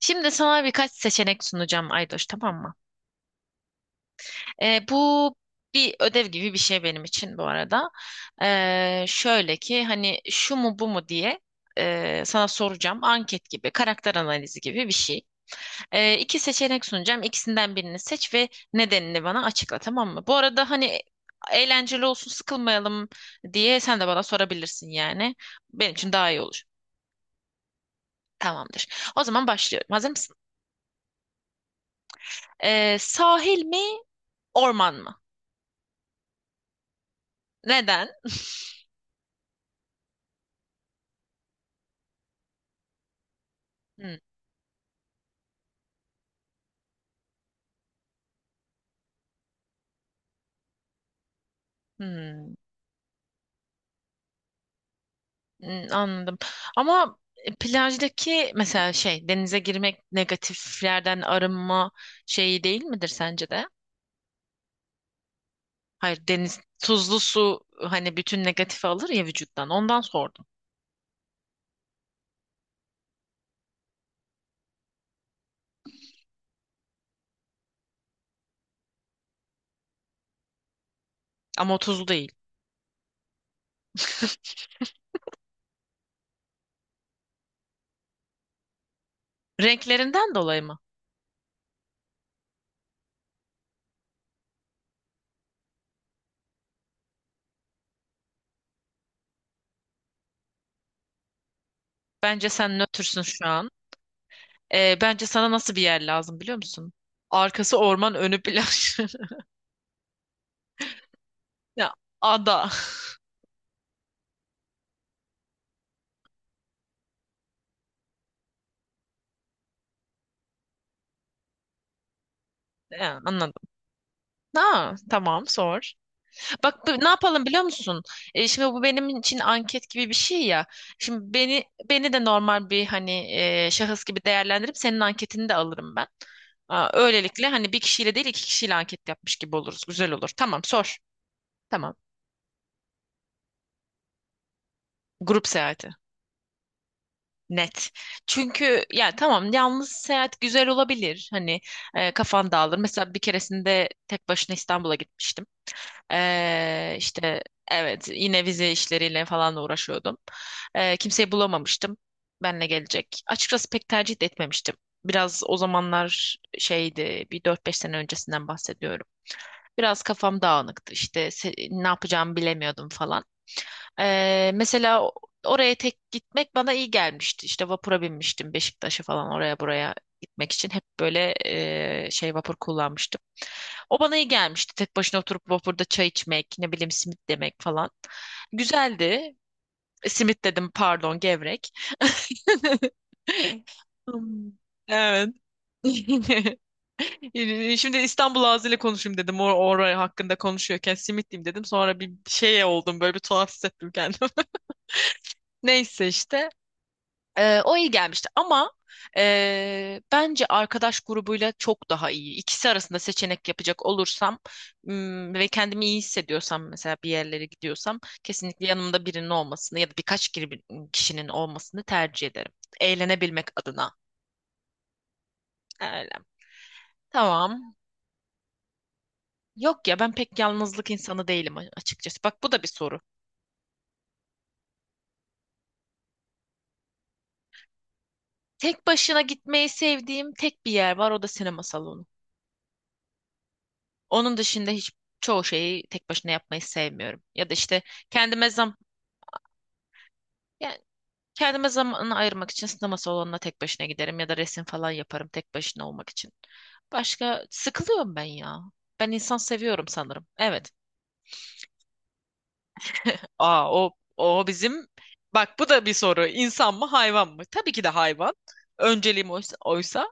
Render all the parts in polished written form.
Şimdi sana birkaç seçenek sunacağım Aydoş, tamam mı? Bu bir ödev gibi bir şey benim için bu arada. Şöyle ki hani şu mu bu mu diye sana soracağım. Anket gibi, karakter analizi gibi bir şey. İki seçenek sunacağım. İkisinden birini seç ve nedenini bana açıkla, tamam mı? Bu arada hani eğlenceli olsun, sıkılmayalım diye sen de bana sorabilirsin yani. Benim için daha iyi olur. Tamamdır. O zaman başlıyorum. Hazır mısın? Sahil mi, orman mı? Neden? Hmm, hmm. Anladım. Ama plajdaki mesela şey denize girmek negatiflerden arınma şeyi değil midir sence de? Hayır, deniz tuzlu su, hani bütün negatifi alır ya vücuttan, ondan sordum. Ama o tuzlu değil. Renklerinden dolayı mı? Bence sen nötrsün şu an. Bence sana nasıl bir yer lazım biliyor musun? Arkası orman önü plaj. Ya ada. Ya, anladım. Ha, tamam sor. Bak, ne yapalım biliyor musun? Şimdi bu benim için anket gibi bir şey ya. Şimdi beni de normal bir hani şahıs gibi değerlendirip senin anketini de alırım ben. Aa, öylelikle hani bir kişiyle değil iki kişiyle anket yapmış gibi oluruz. Güzel olur. Tamam sor. Tamam. Grup seyahati. Net. Çünkü ya tamam, yalnız seyahat güzel olabilir. Hani kafan dağılır. Mesela bir keresinde tek başına İstanbul'a gitmiştim. İşte evet, yine vize işleriyle falan da uğraşıyordum. Kimseyi bulamamıştım. Benle gelecek. Açıkçası pek tercih de etmemiştim. Biraz o zamanlar şeydi, bir dört beş sene öncesinden bahsediyorum. Biraz kafam dağınıktı işte, ne yapacağımı bilemiyordum falan. Mesela oraya tek gitmek bana iyi gelmişti. İşte vapura binmiştim, Beşiktaş'a falan, oraya buraya gitmek için. Hep böyle şey vapur kullanmıştım. O bana iyi gelmişti. Tek başına oturup vapurda çay içmek, ne bileyim simit yemek falan. Güzeldi. Simit dedim, pardon, gevrek. Hmm, evet. Şimdi İstanbul ağzıyla konuşayım dedim. Oraya hakkında konuşuyorken simit diyeyim dedim. Sonra bir şeye oldum böyle, bir tuhaf hissettim kendimi. Neyse işte. O iyi gelmişti ama bence arkadaş grubuyla çok daha iyi. İkisi arasında seçenek yapacak olursam, ve kendimi iyi hissediyorsam, mesela bir yerlere gidiyorsam, kesinlikle yanımda birinin olmasını ya da birkaç kişinin olmasını tercih ederim. Eğlenebilmek adına. Öyle. Tamam. Yok ya, ben pek yalnızlık insanı değilim açıkçası. Bak, bu da bir soru. Tek başına gitmeyi sevdiğim tek bir yer var, o da sinema salonu. Onun dışında hiç çoğu şeyi tek başına yapmayı sevmiyorum. Ya da işte kendime zam yani kendime zamanını ayırmak için sinema salonuna tek başına giderim, ya da resim falan yaparım tek başına olmak için. Başka sıkılıyorum ben ya. Ben insan seviyorum sanırım. Evet. Aa, o bizim, bak, bu da bir soru. İnsan mı hayvan mı? Tabii ki de hayvan. Önceliğim oysa,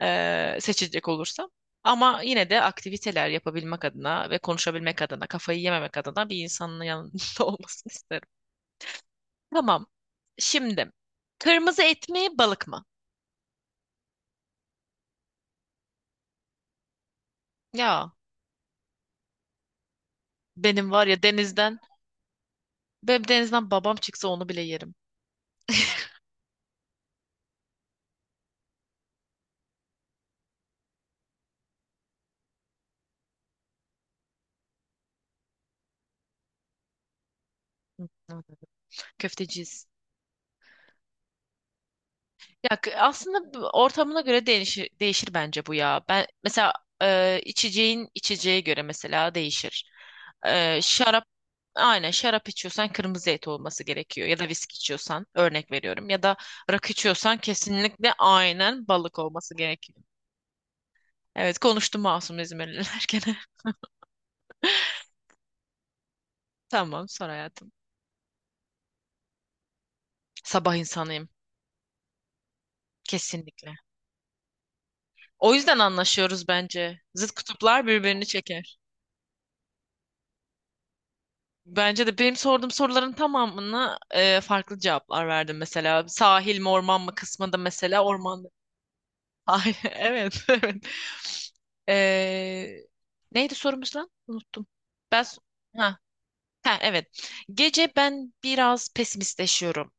seçecek olursam. Ama yine de aktiviteler yapabilmek adına ve konuşabilmek adına, kafayı yememek adına bir insanın yanında olmasını isterim. Tamam. Şimdi kırmızı et mi balık mı? Ya, benim var ya denizden benim denizden babam çıksa onu bile yerim. Köfteciyiz. Ya, aslında bu ortamına göre değişir, değişir bence bu ya. Ben mesela içeceğin, içeceğe göre mesela değişir. Şarap, aynen şarap içiyorsan kırmızı et olması gerekiyor ya da viski içiyorsan, örnek veriyorum, ya da rakı içiyorsan kesinlikle aynen balık olması gerekiyor. Evet, konuştum masum İzmirliler gene. Tamam, sor hayatım. Sabah insanıyım, kesinlikle. O yüzden anlaşıyoruz bence. Zıt kutuplar birbirini çeker. Bence de benim sorduğum soruların tamamını farklı cevaplar verdim. Mesela sahil mi orman mı kısmında, mesela orman. Ay, evet, evet. E, Neydi sorumuz lan? Unuttum. Ben ha, ha, evet. Gece ben biraz pesimistleşiyorum.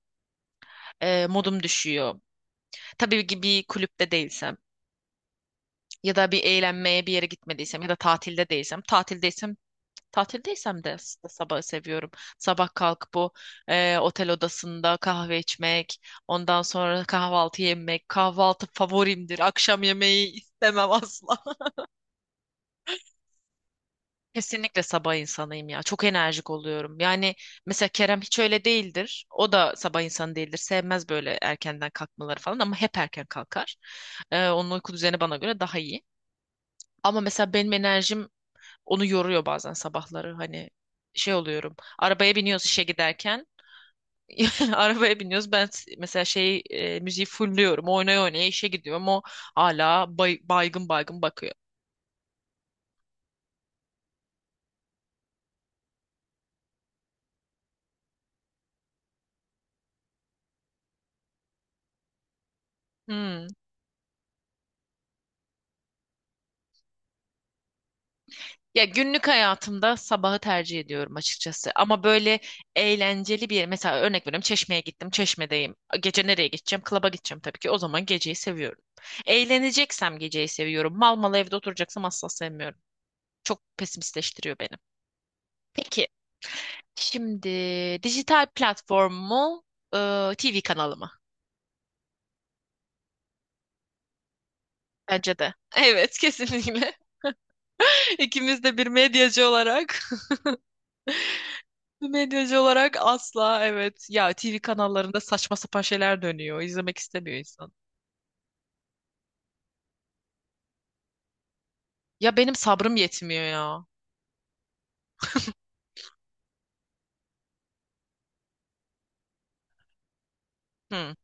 Modum düşüyor. Tabii ki bir kulüpte değilsem, ya da bir eğlenmeye bir yere gitmediysem, ya da tatilde değilsem. Tatildeysem, tatildeysem de sabahı seviyorum. Sabah kalkıp otel odasında kahve içmek, ondan sonra kahvaltı yemek. Kahvaltı favorimdir. Akşam yemeği istemem asla. Kesinlikle sabah insanıyım ya. Çok enerjik oluyorum. Yani mesela Kerem hiç öyle değildir. O da sabah insanı değildir. Sevmez böyle erkenden kalkmaları falan ama hep erken kalkar. Onun uyku düzeni bana göre daha iyi. Ama mesela benim enerjim onu yoruyor bazen sabahları. Hani şey oluyorum. Arabaya biniyoruz işe giderken. Arabaya biniyoruz. Ben mesela şey müziği fullüyorum. Oynaya oynaya işe gidiyorum. O hala baygın baygın bakıyor. Hmm. Ya, günlük hayatımda sabahı tercih ediyorum açıkçası. Ama böyle eğlenceli bir yer. Mesela örnek veriyorum, Çeşme'ye gittim. Çeşme'deyim. Gece nereye gideceğim? Klaba gideceğim tabii ki. O zaman geceyi seviyorum. Eğleneceksem geceyi seviyorum. Mal mal evde oturacaksam asla sevmiyorum. Çok pesimistleştiriyor beni. Peki, şimdi dijital platform mu, e, TV kanalı mı? Bence de. Evet, kesinlikle. İkimiz de bir medyacı olarak, bir medyacı olarak asla evet. Ya TV kanallarında saçma sapan şeyler dönüyor. İzlemek istemiyor insan. Ya benim sabrım yetmiyor ya. Hı.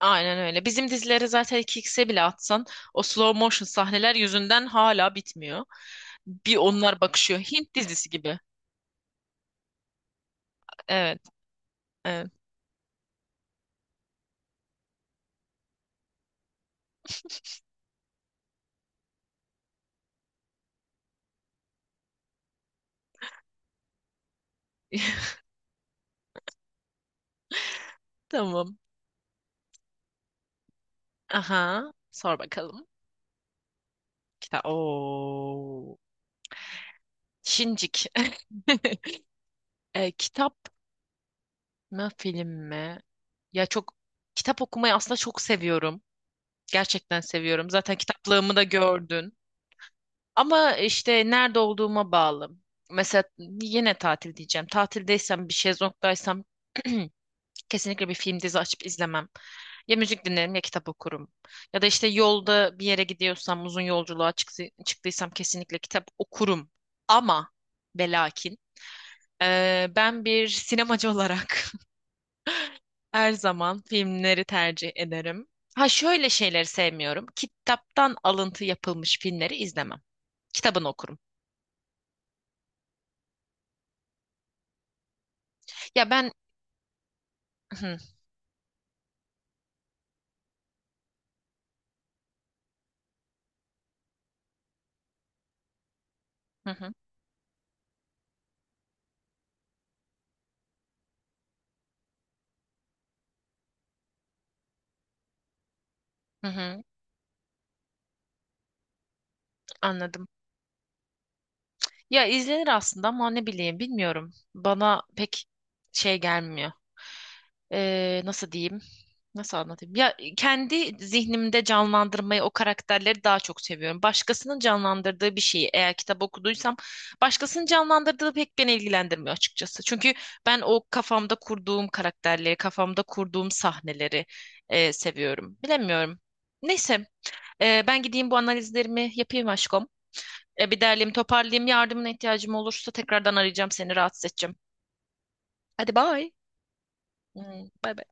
Aynen öyle. Bizim dizileri zaten 2x'e bile atsan o slow motion sahneler yüzünden hala bitmiyor. Bir onlar bakışıyor. Hint dizisi gibi. Evet, evet. Tamam. Aha. Sor bakalım. Kitap. Oo. Şincik. Kitap mi film mi? Ya, çok kitap okumayı aslında çok seviyorum. Gerçekten seviyorum. Zaten kitaplığımı da gördün. Ama işte nerede olduğuma bağlı. Mesela yine tatil diyeceğim. Tatildeysem, bir şezlongdaysam kesinlikle bir film dizi açıp izlemem. Ya müzik dinlerim ya kitap okurum. Ya da işte yolda bir yere gidiyorsam, uzun yolculuğa çıktıysam kesinlikle kitap okurum. Ama ve lakin ben bir sinemacı olarak her zaman filmleri tercih ederim. Ha, şöyle şeyleri sevmiyorum. Kitaptan alıntı yapılmış filmleri izlemem. Kitabını okurum. Ya ben, hı hı, hı hı, hı. Anladım. Ya izlenir aslında ama ne bileyim, bilmiyorum. Bana pek şey gelmiyor. Nasıl diyeyim? Nasıl anlatayım? Ya kendi zihnimde canlandırmayı, o karakterleri daha çok seviyorum. Başkasının canlandırdığı bir şeyi eğer kitap okuduysam, başkasının canlandırdığı pek beni ilgilendirmiyor açıkçası. Çünkü ben o kafamda kurduğum karakterleri, kafamda kurduğum sahneleri seviyorum. Bilemiyorum. Neyse, ben gideyim bu analizlerimi yapayım aşkım. Bir derleyeyim, toparlayayım. Yardımına ihtiyacım olursa tekrardan arayacağım seni, rahatsız edeceğim. Hadi bye. Hmm, bye bye.